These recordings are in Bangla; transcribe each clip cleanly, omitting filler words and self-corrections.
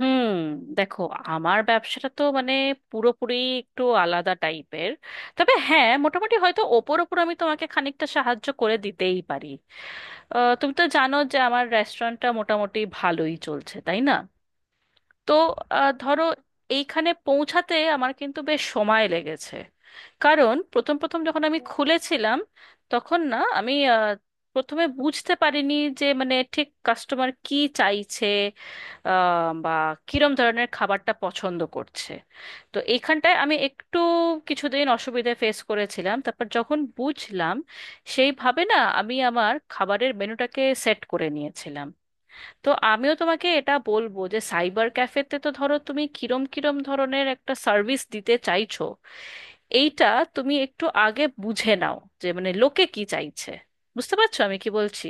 হুম। দেখো, আমার ব্যবসাটা তো মানে পুরোপুরি একটু আলাদা টাইপের, তবে হ্যাঁ, মোটামুটি হয়তো ওপর ওপর আমি তোমাকে খানিকটা সাহায্য করে দিতেই পারি। তুমি তো জানো যে আমার রেস্টুরেন্টটা মোটামুটি ভালোই চলছে, তাই না? তো ধরো, এইখানে পৌঁছাতে আমার কিন্তু বেশ সময় লেগেছে। কারণ প্রথম প্রথম যখন আমি খুলেছিলাম, তখন না আমি প্রথমে বুঝতে পারিনি যে মানে ঠিক কাস্টমার কি চাইছে, বা কিরম ধরনের খাবারটা পছন্দ করছে। তো এইখানটায় আমি একটু কিছুদিন অসুবিধা ফেস করেছিলাম, তারপর যখন বুঝলাম, সেইভাবে না আমি আমার খাবারের মেনুটাকে সেট করে নিয়েছিলাম। তো আমিও তোমাকে এটা বলবো যে সাইবার ক্যাফেতে তো ধরো তুমি কিরম কিরম ধরনের একটা সার্ভিস দিতে চাইছো, এইটা তুমি একটু আগে বুঝে নাও যে মানে লোকে কি চাইছে। বুঝতে পারছো আমি কি বলছি?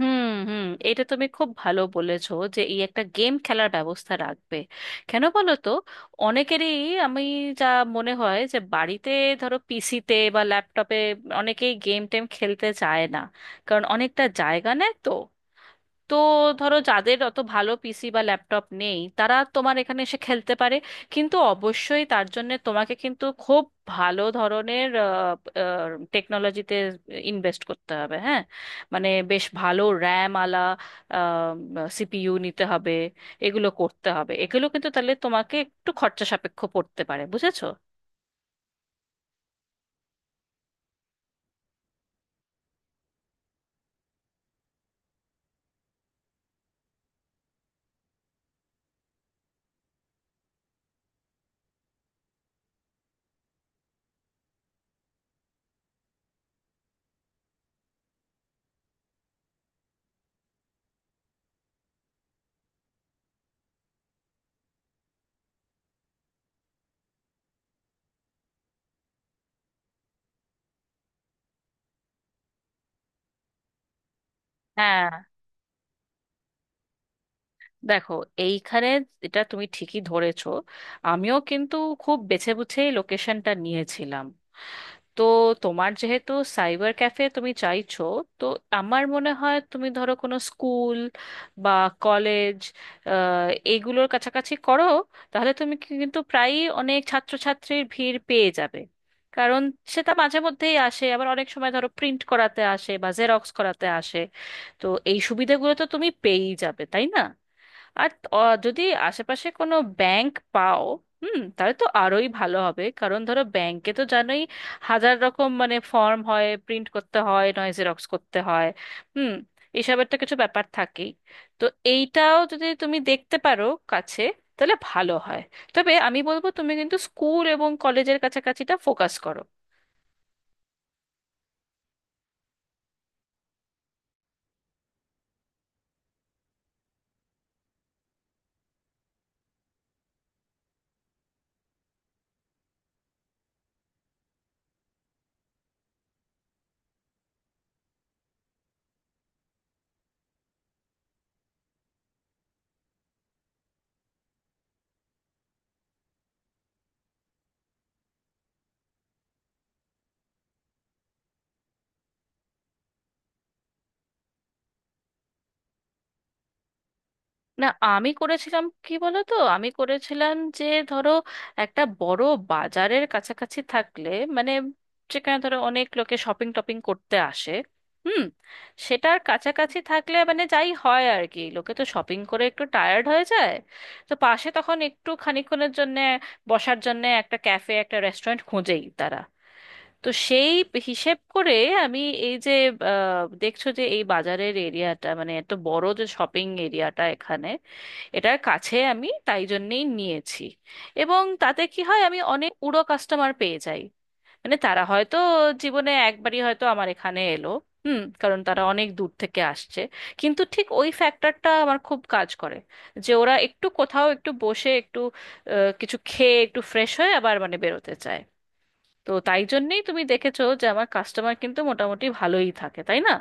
হুম হুম, এটা তুমি খুব ভালো বলেছো যে এই একটা গেম খেলার ব্যবস্থা রাখবে। কেন বলো তো? অনেকেরই আমি যা মনে হয় যে বাড়িতে ধরো পিসিতে বা ল্যাপটপে অনেকেই গেম টেম খেলতে চায় না, কারণ অনেকটা জায়গা নেয় তো। তো ধরো, যাদের অত ভালো পিসি বা ল্যাপটপ নেই, তারা তোমার এখানে এসে খেলতে পারে। কিন্তু অবশ্যই তার জন্য তোমাকে কিন্তু খুব ভালো ধরনের টেকনোলজিতে ইনভেস্ট করতে হবে, হ্যাঁ। মানে বেশ ভালো র্যাম আলা সিপিইউ নিতে হবে, এগুলো করতে হবে। এগুলো কিন্তু তাহলে তোমাকে একটু খরচা সাপেক্ষ পড়তে পারে, বুঝেছো? হ্যাঁ। দেখো, এইখানে এটা তুমি ঠিকই ধরেছো, আমিও কিন্তু খুব বেছে বুঝেই লোকেশনটা নিয়েছিলাম। তো তোমার যেহেতু সাইবার ক্যাফে তুমি চাইছো, তো আমার মনে হয় তুমি ধরো কোনো স্কুল বা কলেজ, এগুলোর কাছাকাছি করো। তাহলে তুমি কিন্তু প্রায়ই অনেক ছাত্রছাত্রীর ভিড় পেয়ে যাবে। কারণ সেটা মাঝে মধ্যেই আসে, আবার অনেক সময় ধরো প্রিন্ট করাতে আসে বা জেরক্স করাতে আসে। তো এই সুবিধাগুলো তো তুমি পেয়েই যাবে, তাই না? আর অ, যদি আশেপাশে কোনো ব্যাংক পাও, হুম, তাহলে তো আরোই ভালো হবে। কারণ ধরো ব্যাংকে তো জানোই, হাজার রকম মানে ফর্ম হয়, প্রিন্ট করতে হয় নয় জেরক্স করতে হয়। হুম। এসবের তো কিছু ব্যাপার থাকেই। তো এইটাও যদি তুমি দেখতে পারো কাছে, তাহলে ভালো হয়। তবে আমি বলবো তুমি কিন্তু স্কুল এবং কলেজের কাছাকাছিটা ফোকাস করো। না, আমি করেছিলাম কি বলো তো, আমি করেছিলাম যে ধরো একটা বড় বাজারের কাছাকাছি থাকলে, মানে যেখানে ধরো অনেক লোকে শপিং টপিং করতে আসে, হুম, সেটার কাছাকাছি থাকলে মানে যাই হয় আর কি, লোকে তো শপিং করে একটু টায়ার্ড হয়ে যায়। তো পাশে তখন একটু খানিকক্ষণের জন্য বসার জন্য একটা ক্যাফে একটা রেস্টুরেন্ট খোঁজেই তারা। তো সেই হিসেব করে আমি এই যে, দেখছো যে এই বাজারের এরিয়াটা মানে এত বড় যে শপিং এরিয়াটা এখানে, এটার কাছে আমি তাই জন্যেই নিয়েছি। এবং তাতে কি হয়, আমি অনেক উড়ো কাস্টমার পেয়ে যাই। মানে তারা হয়তো জীবনে একবারই হয়তো আমার এখানে এলো, হুম, কারণ তারা অনেক দূর থেকে আসছে। কিন্তু ঠিক ওই ফ্যাক্টরটা আমার খুব কাজ করে, যে ওরা একটু কোথাও একটু বসে একটু কিছু খেয়ে একটু ফ্রেশ হয়ে আবার মানে বেরোতে চায়। তো তাই জন্যেই তুমি দেখেছো যে আমার কাস্টমার কিন্তু মোটামুটি ভালোই থাকে, তাই না?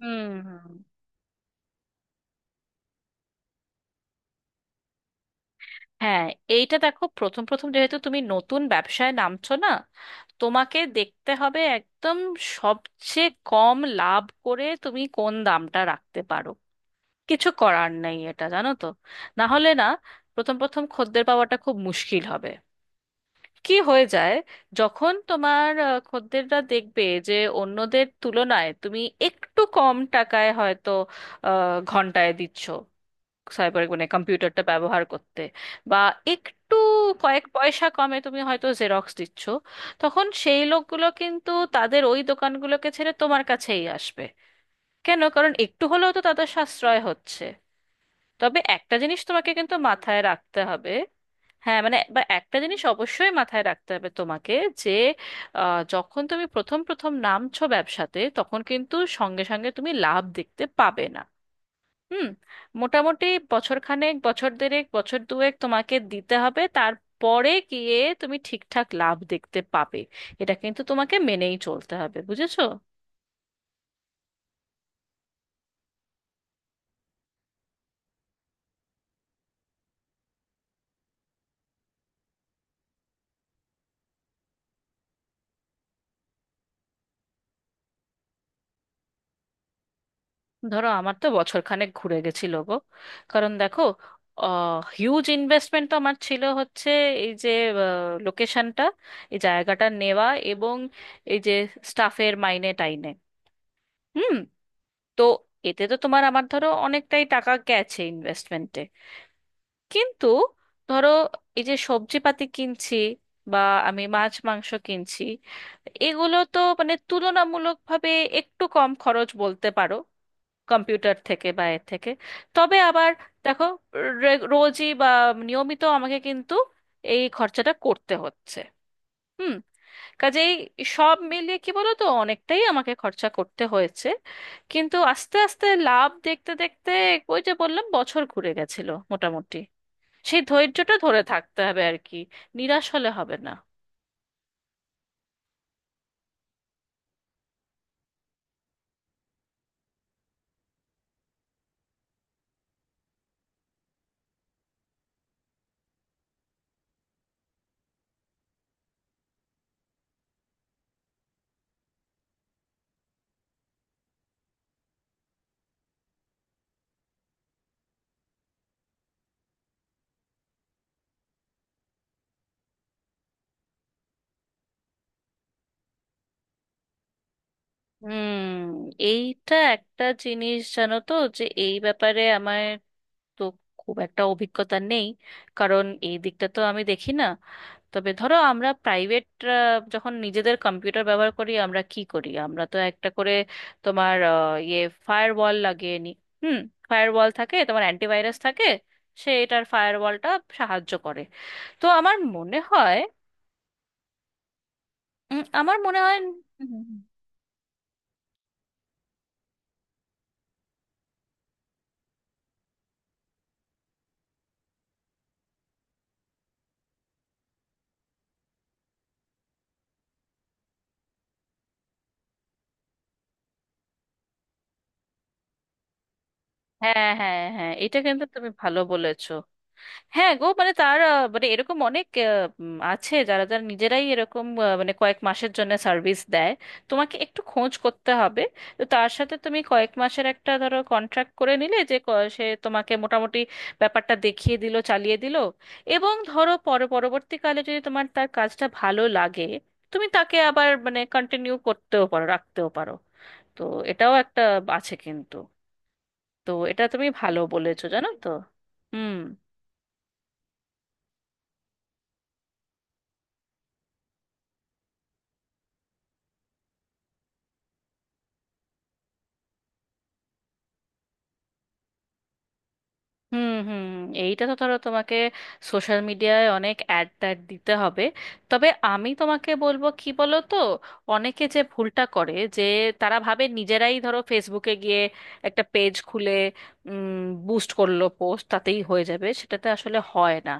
হুম হুম। হ্যাঁ, এইটা দেখো, প্রথম প্রথম যেহেতু তুমি নতুন ব্যবসায় নামছো না, তোমাকে দেখতে হবে একদম সবচেয়ে কম লাভ করে তুমি কোন দামটা রাখতে পারো। কিছু করার নেই, এটা জানো তো। না হলে না, প্রথম প্রথম খদ্দের পাওয়াটা খুব মুশকিল হবে। কি হয়ে যায়, যখন তোমার খদ্দেররা দেখবে যে অন্যদের তুলনায় তুমি একটু কম টাকায় হয়তো ঘন্টায় দিচ্ছ সাইবার মানে কম্পিউটারটা ব্যবহার করতে, বা একটু কয়েক পয়সা কমে তুমি হয়তো জেরক্স দিচ্ছ, তখন সেই লোকগুলো কিন্তু তাদের ওই দোকানগুলোকে ছেড়ে তোমার কাছেই আসবে। কেন? কারণ একটু হলেও তো তাদের সাশ্রয় হচ্ছে। তবে একটা জিনিস তোমাকে কিন্তু মাথায় রাখতে হবে। হ্যাঁ, মানে বা একটা জিনিস অবশ্যই মাথায় রাখতে হবে তোমাকে, যে যখন তুমি প্রথম প্রথম নামছো ব্যবসাতে, তখন কিন্তু সঙ্গে সঙ্গে তুমি লাভ দেখতে পাবে না। হুম। মোটামুটি বছর খানেক, বছর দেড়েক, বছর দুয়েক তোমাকে দিতে হবে, তারপরে গিয়ে তুমি ঠিকঠাক লাভ দেখতে পাবে। এটা কিন্তু তোমাকে মেনেই চলতে হবে, বুঝেছো? ধরো, আমার তো বছর খানেক ঘুরে গেছিল গো। কারণ দেখো, হিউজ ইনভেস্টমেন্ট তো আমার ছিল হচ্ছে, এই যে লোকেশনটা, এই জায়গাটা নেওয়া এবং এই যে স্টাফের মাইনে টাইনে, হুম, তো এতে তো তোমার আমার ধরো অনেকটাই টাকা গেছে ইনভেস্টমেন্টে। কিন্তু ধরো, এই যে সবজিপাতি কিনছি বা আমি মাছ মাংস কিনছি, এগুলো তো মানে তুলনামূলকভাবে একটু কম খরচ বলতে পারো, কম্পিউটার থেকে বা এর থেকে। তবে আবার দেখো, রোজই বা নিয়মিত আমাকে কিন্তু এই খরচাটা করতে হচ্ছে। হুম। কাজেই সব মিলিয়ে কি বলো তো, অনেকটাই আমাকে খরচা করতে হয়েছে। কিন্তু আস্তে আস্তে লাভ দেখতে দেখতে, ওই যে বললাম, বছর ঘুরে গেছিল মোটামুটি। সেই ধৈর্যটা ধরে থাকতে হবে আর কি। নিরাশ হলে হবে না। হুম। এইটা একটা জিনিস জানো তো, যে এই ব্যাপারে আমার তো খুব একটা অভিজ্ঞতা নেই, কারণ এই দিকটা তো আমি দেখি না। তবে ধরো, আমরা প্রাইভেট যখন নিজেদের কম্পিউটার ব্যবহার করি, আমরা কি করি, আমরা তো একটা করে তোমার ইয়ে ফায়ারওয়াল লাগিয়ে নিই। হুম। ফায়ারওয়াল থাকে, তোমার অ্যান্টিভাইরাস থাকে, সে এটার ফায়ারওয়ালটা সাহায্য করে। তো আমার মনে হয়, আমার মনে হয় হ্যাঁ হ্যাঁ হ্যাঁ, এটা কিন্তু তুমি ভালো বলেছো। হ্যাঁ গো, মানে তার মানে এরকম অনেক আছে যারা যারা নিজেরাই এরকম মানে কয়েক মাসের জন্য সার্ভিস দেয়। তোমাকে একটু খোঁজ করতে হবে। তো তার সাথে তুমি কয়েক মাসের একটা ধরো কন্ট্রাক্ট করে নিলে, যে সে তোমাকে মোটামুটি ব্যাপারটা দেখিয়ে দিল, চালিয়ে দিল। এবং ধরো পরবর্তীকালে যদি তোমার তার কাজটা ভালো লাগে, তুমি তাকে আবার মানে কন্টিনিউ করতেও পারো, রাখতেও পারো। তো এটাও একটা আছে কিন্তু। তো এটা তুমি ভালো বলেছো, জানো তো। হুম হুম হুম। এইটা তো ধরো তোমাকে সোশ্যাল মিডিয়ায় অনেক অ্যাড ট্যাড দিতে হবে। তবে আমি তোমাকে বলবো কি বলো তো, অনেকে যে ভুলটা করে, যে তারা ভাবে নিজেরাই ধরো ফেসবুকে গিয়ে একটা পেজ খুলে বুস্ট করলো পোস্ট, তাতেই হয়ে যাবে, সেটাতে আসলে হয় না।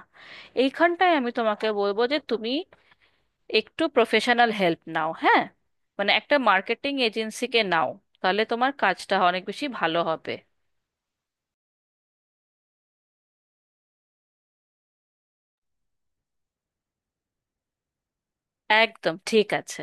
এইখানটায় আমি তোমাকে বলবো যে তুমি একটু প্রফেশনাল হেল্প নাও, হ্যাঁ। মানে একটা মার্কেটিং এজেন্সিকে নাও, তাহলে তোমার কাজটা অনেক বেশি ভালো হবে। একদম ঠিক আছে।